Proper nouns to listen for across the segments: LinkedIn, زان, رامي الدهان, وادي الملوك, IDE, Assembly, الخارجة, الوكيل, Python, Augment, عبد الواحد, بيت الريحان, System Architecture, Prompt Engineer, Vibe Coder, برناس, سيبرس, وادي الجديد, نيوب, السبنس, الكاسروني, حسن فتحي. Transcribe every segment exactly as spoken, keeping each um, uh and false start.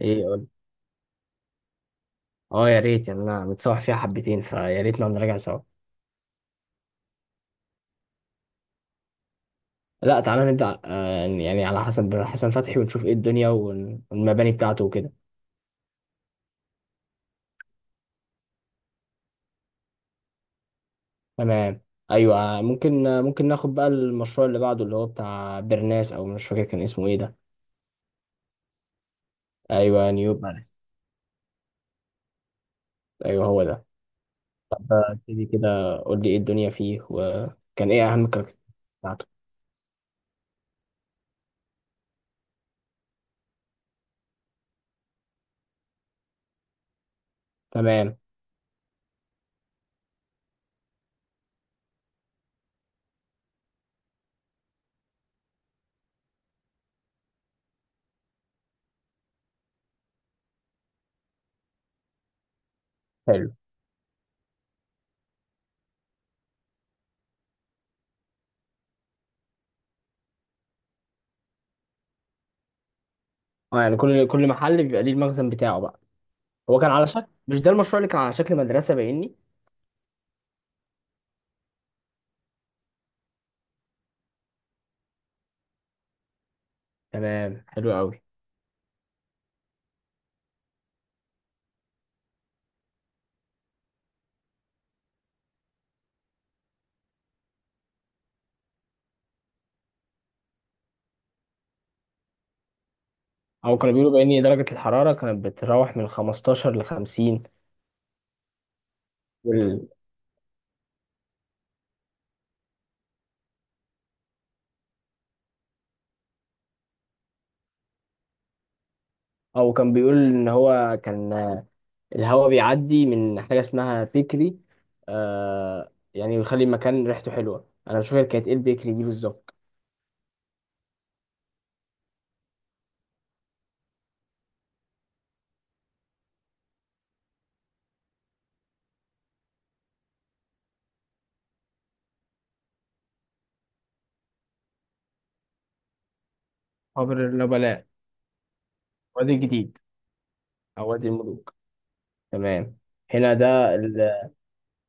ايه؟ قول. اه يا ريت، يعني انا متصوح فيها حبتين، فيا ريت نقعد نراجع سوا. لا، تعالى نبدأ، آه يعني على حسب حسن فتحي، ونشوف ايه الدنيا ون- والمباني بتاعته وكده. تمام. ايوه، ممكن ممكن ناخد بقى المشروع اللي بعده، اللي هو بتاع برناس، او مش فاكر كان اسمه ايه ده. ايوه، نيوب، معلش. ايوه، هو ده. ابتدي كده، قول لي ايه الدنيا فيه وكان ايه اهم الكاركتر بتاعته. تمام، حلو. اه يعني كل كل محل بيبقى ليه المخزن بتاعه بقى؟ هو كان على شكل، مش ده المشروع اللي كان على شكل مدرسة باينني؟ تمام، حلو قوي. او كانوا بيقولوا بان درجة الحرارة كانت بتتراوح من خمستاشر ل خمسين. وال... او كان بيقول ان هو كان الهواء بيعدي من حاجة اسمها بيكري، آه يعني بيخلي المكان ريحته حلوة. انا مش فاكر كانت ايه البيكري دي بالظبط. قبر النبلاء. وادي الجديد. او وادي الملوك. تمام. هنا ده ال...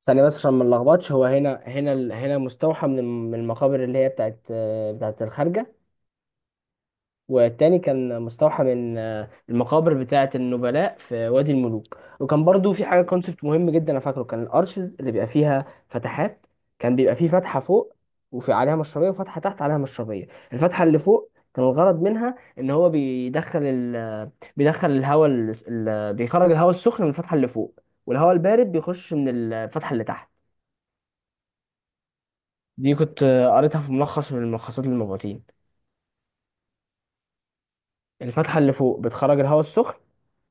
ثانية بس عشان ما نلخبطش، هو هنا هنا ال- هنا مستوحى من الم- من المقابر اللي هي بتاعت آه، بتاعت الخارجة. والتاني كان مستوحى من آه، المقابر بتاعة النبلاء في وادي الملوك. وكان برضو في حاجة كونسبت مهم جدا، أنا فاكره كان الأرش اللي بيبقى فيها فتحات. كان بيبقى فيه فتحة فوق وفي عليها مشربية، وفتحة تحت عليها مشربية. الفتحة اللي فوق كان الغرض منها إن هو بيدخل ال بيدخل الهواء ال... ال... بيخرج الهواء السخن من الفتحة اللي فوق، والهواء البارد بيخش من الفتحة اللي تحت. دي كنت آه، قريتها في ملخص من الملخصات للمبعوثين. الفتحة اللي فوق بتخرج الهواء السخن،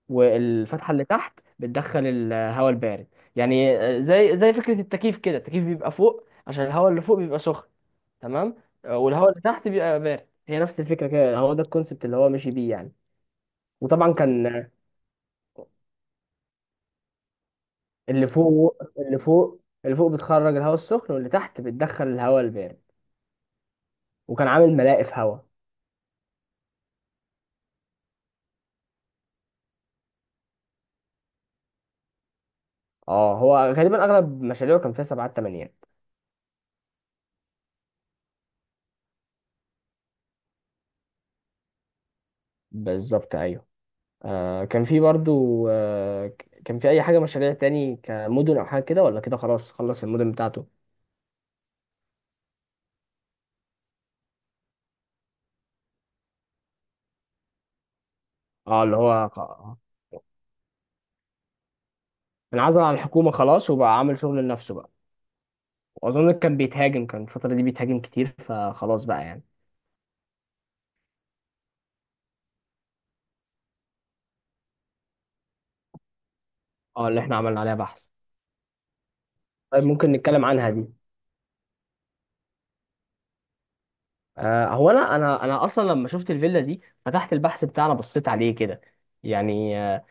والفتحه اللي تحت بتدخل الهواء البارد. يعني آه، زي زي فكره التكييف كده. التكييف بيبقى فوق عشان الهواء اللي فوق بيبقى سخن. تمام. آه، والهواء اللي تحت بيبقى بارد. هي نفس الفكره كده، هو ده الكونسبت اللي هو ماشي بيه يعني. وطبعا كان آه، اللي فوق اللي فوق اللي فوق بتخرج الهواء السخن، واللي تحت بتدخل الهواء البارد. وكان عامل ملاقف هواء. اه، هو غالبا اغلب مشاريعه كان فيها سبعات تمانيات. بالظبط، ايوه. آه كان في برضو آه ك- كان في اي حاجه مشاريع تاني كمدن او حاجه كده، ولا كده خلاص خلص المدن بتاعته؟ اه، اللي هو خ- انعزل عن الحكومه خلاص وبقى عامل شغل لنفسه بقى. واظن كان بيتهاجم كان الفتره دي بيتهاجم كتير، فخلاص بقى يعني. اه، اللي احنا عملنا عليها بحث. طيب، ممكن نتكلم عنها دي. آه هو انا انا انا اصلا لما شفت الفيلا دي، فتحت البحث بتاعنا بصيت عليه كده، يعني. آه،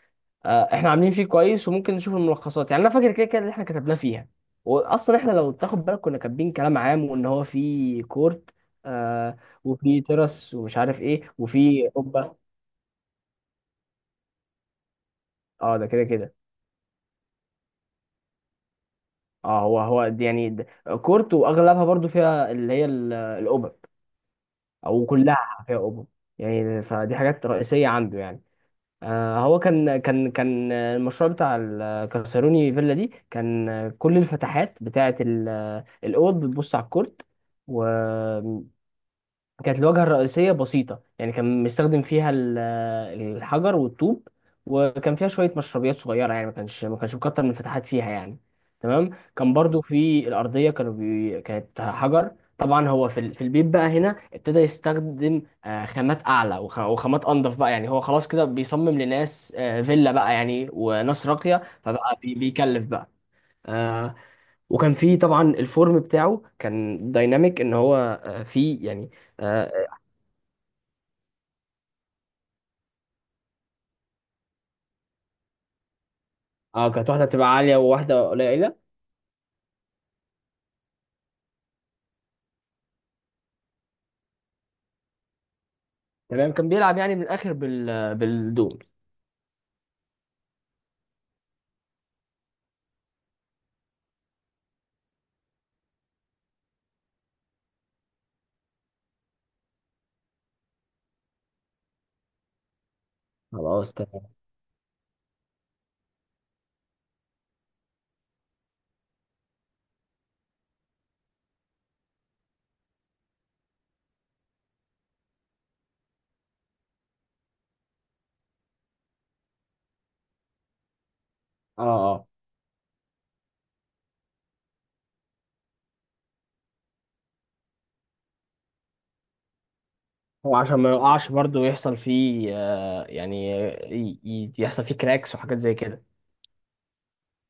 احنا عاملين فيه كويس وممكن نشوف الملخصات، يعني انا فاكر كده كده اللي احنا كتبناه فيها. واصلا احنا لو تاخد بالك كنا كاتبين كلام عام وان هو في كورت. آه وفي ترس ومش عارف ايه وفي قبه. اه، ده كده كده. اه، هو هو دي يعني ده كورت، واغلبها برضو فيها اللي هي ال- القبب. او كلها فيها قبب، يعني فدي حاجات رئيسيه عنده يعني. آه، هو كان كان كان المشروع بتاع الكاسروني فيلا دي كان كل الفتحات بتاعة ال- الأوض بتبص على الكورت. كانت الواجهة الرئيسية بسيطة، يعني كان مستخدم فيها ال- الحجر والطوب. وكان فيها شوية مشربيات صغيرة، يعني ما كانش ما كانش مكتر من الفتحات فيها يعني. تمام. كان برضو في الأرضية كانوا بي... كانت حجر. طبعا هو في ال... في البيت بقى هنا ابتدى يستخدم آه، خامات أعلى وخ... وخامات أنضف بقى، يعني هو خلاص كده بيصمم لناس آه، فيلا بقى، يعني وناس راقية، فبقى بي... بيكلف بقى. آه، وكان في طبعا الفورم بتاعه كان دايناميك ان هو آه، فيه يعني. آه، اه، كانت واحده بتبقى عاليه وواحده قليله. تمام، كان بيلعب يعني من الاخر بال بالدول. خلاص، تمام. اه، اه، هو عشان ما يقعش برضه يحصل فيه آه يعني ي- ي- يحصل فيه كراكس وحاجات زي كده.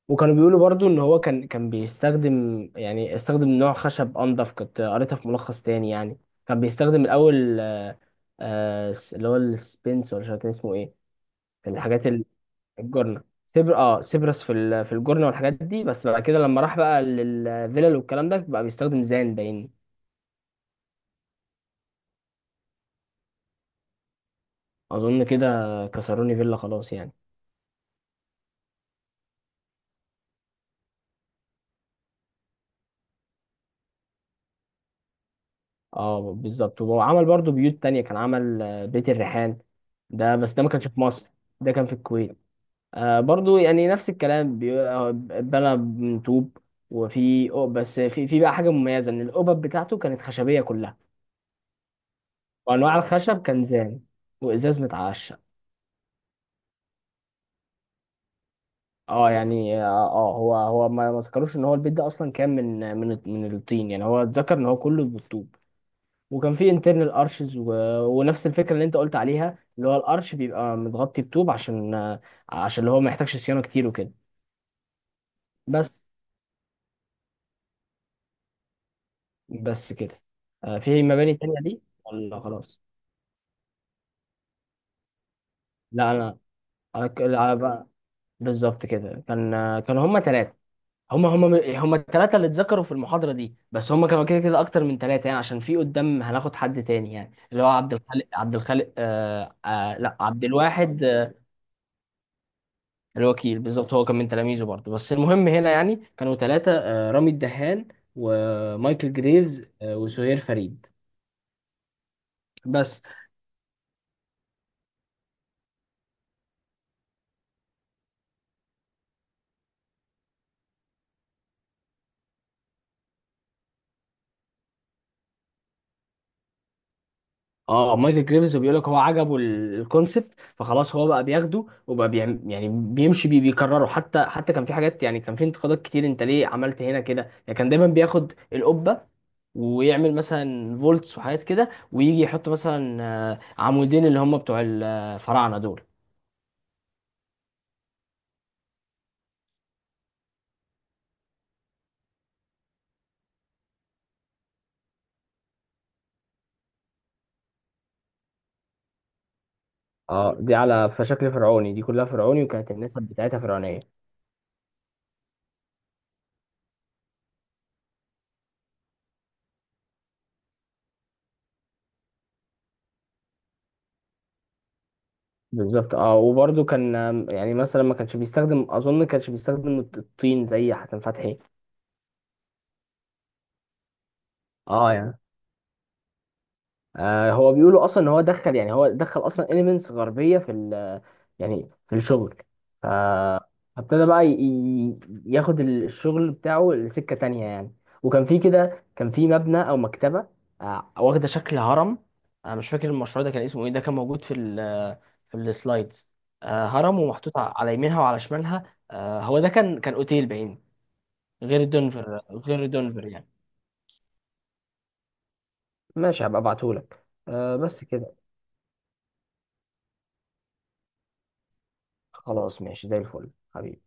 وكانوا بيقولوا برضه ان هو كان كان بيستخدم، يعني استخدم نوع خشب انضف، كنت قريتها في ملخص تاني يعني. كان بيستخدم الاول آه آه، اللي هو السبنس ولا مش عارف كان اسمه ايه. كان الحاجات الجورنة سيبر اه سيبرس في ال... في الجورنة والحاجات دي. بس بعد كده لما راح بقى للفيلل والكلام ده بقى بيستخدم زان باين. اظن كده، كسروني فيلا خلاص يعني. اه، بالظبط. وعمل برضو بيوت تانية، كان عمل آه، بيت الريحان. ده بس ده ما كانش في مصر، ده كان في الكويت. آه برضو يعني نفس الكلام بي- آه، بنى من طوب. وفي أو- بس في في بقى حاجة مميزة ان القبب بتاعته كانت خشبية كلها. وانواع الخشب كان زان، وازاز متعشق. اه، يعني اه آه، هو هو ما ما ذكروش ان هو البيت ده اصلا كان من من من الطين، يعني هو اتذكر ان هو كله بالطوب. وكان فيه انترنال ارشز و... ونفس الفكره اللي انت قلت عليها، اللي هو الارش بيبقى متغطي بطوب عشان آه، عشان اللي هو ما يحتاجش صيانه كتير وكده. بس بس كده. آه، في مباني تانية دي ولا خلاص؟ لا، انا انا ك- على بقى، بالظبط كده. كان آه، كان هما ثلاثه. هم هم هم الثلاثة اللي اتذكروا في المحاضرة دي. بس هم كانوا كده كده أكتر من ثلاثة، يعني عشان في قدام هناخد حد تاني، يعني اللي هو عبد الخالق. عبد الخالق آه آه لا، عبد الواحد. آه الوكيل، بالظبط. هو كان من تلاميذه برضه، بس المهم هنا يعني كانوا ثلاثة، آه رامي الدهان، ومايكل جريفز، آه وسهير فريد. بس اه مايكل جريمز بيقول لك هو عجبه ال- الكونسبت، فخلاص هو بقى بياخده وبقى بيعم، يعني بيمشي بيه بيكرره. حتى حتى كان في حاجات، يعني كان في انتقادات كتير انت ليه عملت هنا كده، يعني كان دايما بياخد القبه ويعمل مثلا فولتس وحاجات كده، ويجي يحط مثلا آه، عمودين اللي هم بتوع الفراعنه دول. اه، دي على فشكل فرعوني، دي كلها فرعوني وكانت النسب بتاعتها فرعونيه. بالظبط. اه، وبرده كان آم، يعني مثلا ما كانش بيستخدم اظن ما كانش بيستخدم الطين زي حسن فتحي. اه، يعني آه هو بيقولوا اصلا ان هو دخل، يعني هو دخل اصلا اليمنتس غربيه في ال يعني في الشغل. ف- فابتدى بقى ي- ي- ياخد الشغل بتاعه لسكه تانية يعني. وكان في كده، كان في مبنى او مكتبه، آه واخده شكل هرم. انا مش فاكر المشروع ده كان اسمه ايه، ده كان موجود في ال في السلايدز. آه هرم ومحطوط ع- على يمينها وعلى شمالها. آه هو ده كان كان اوتيل باين. غير دنفر، غير دنفر يعني. ماشي، هبقى ابعتهولك. آه بس كده. خلاص ماشي، زي الفل حبيبي.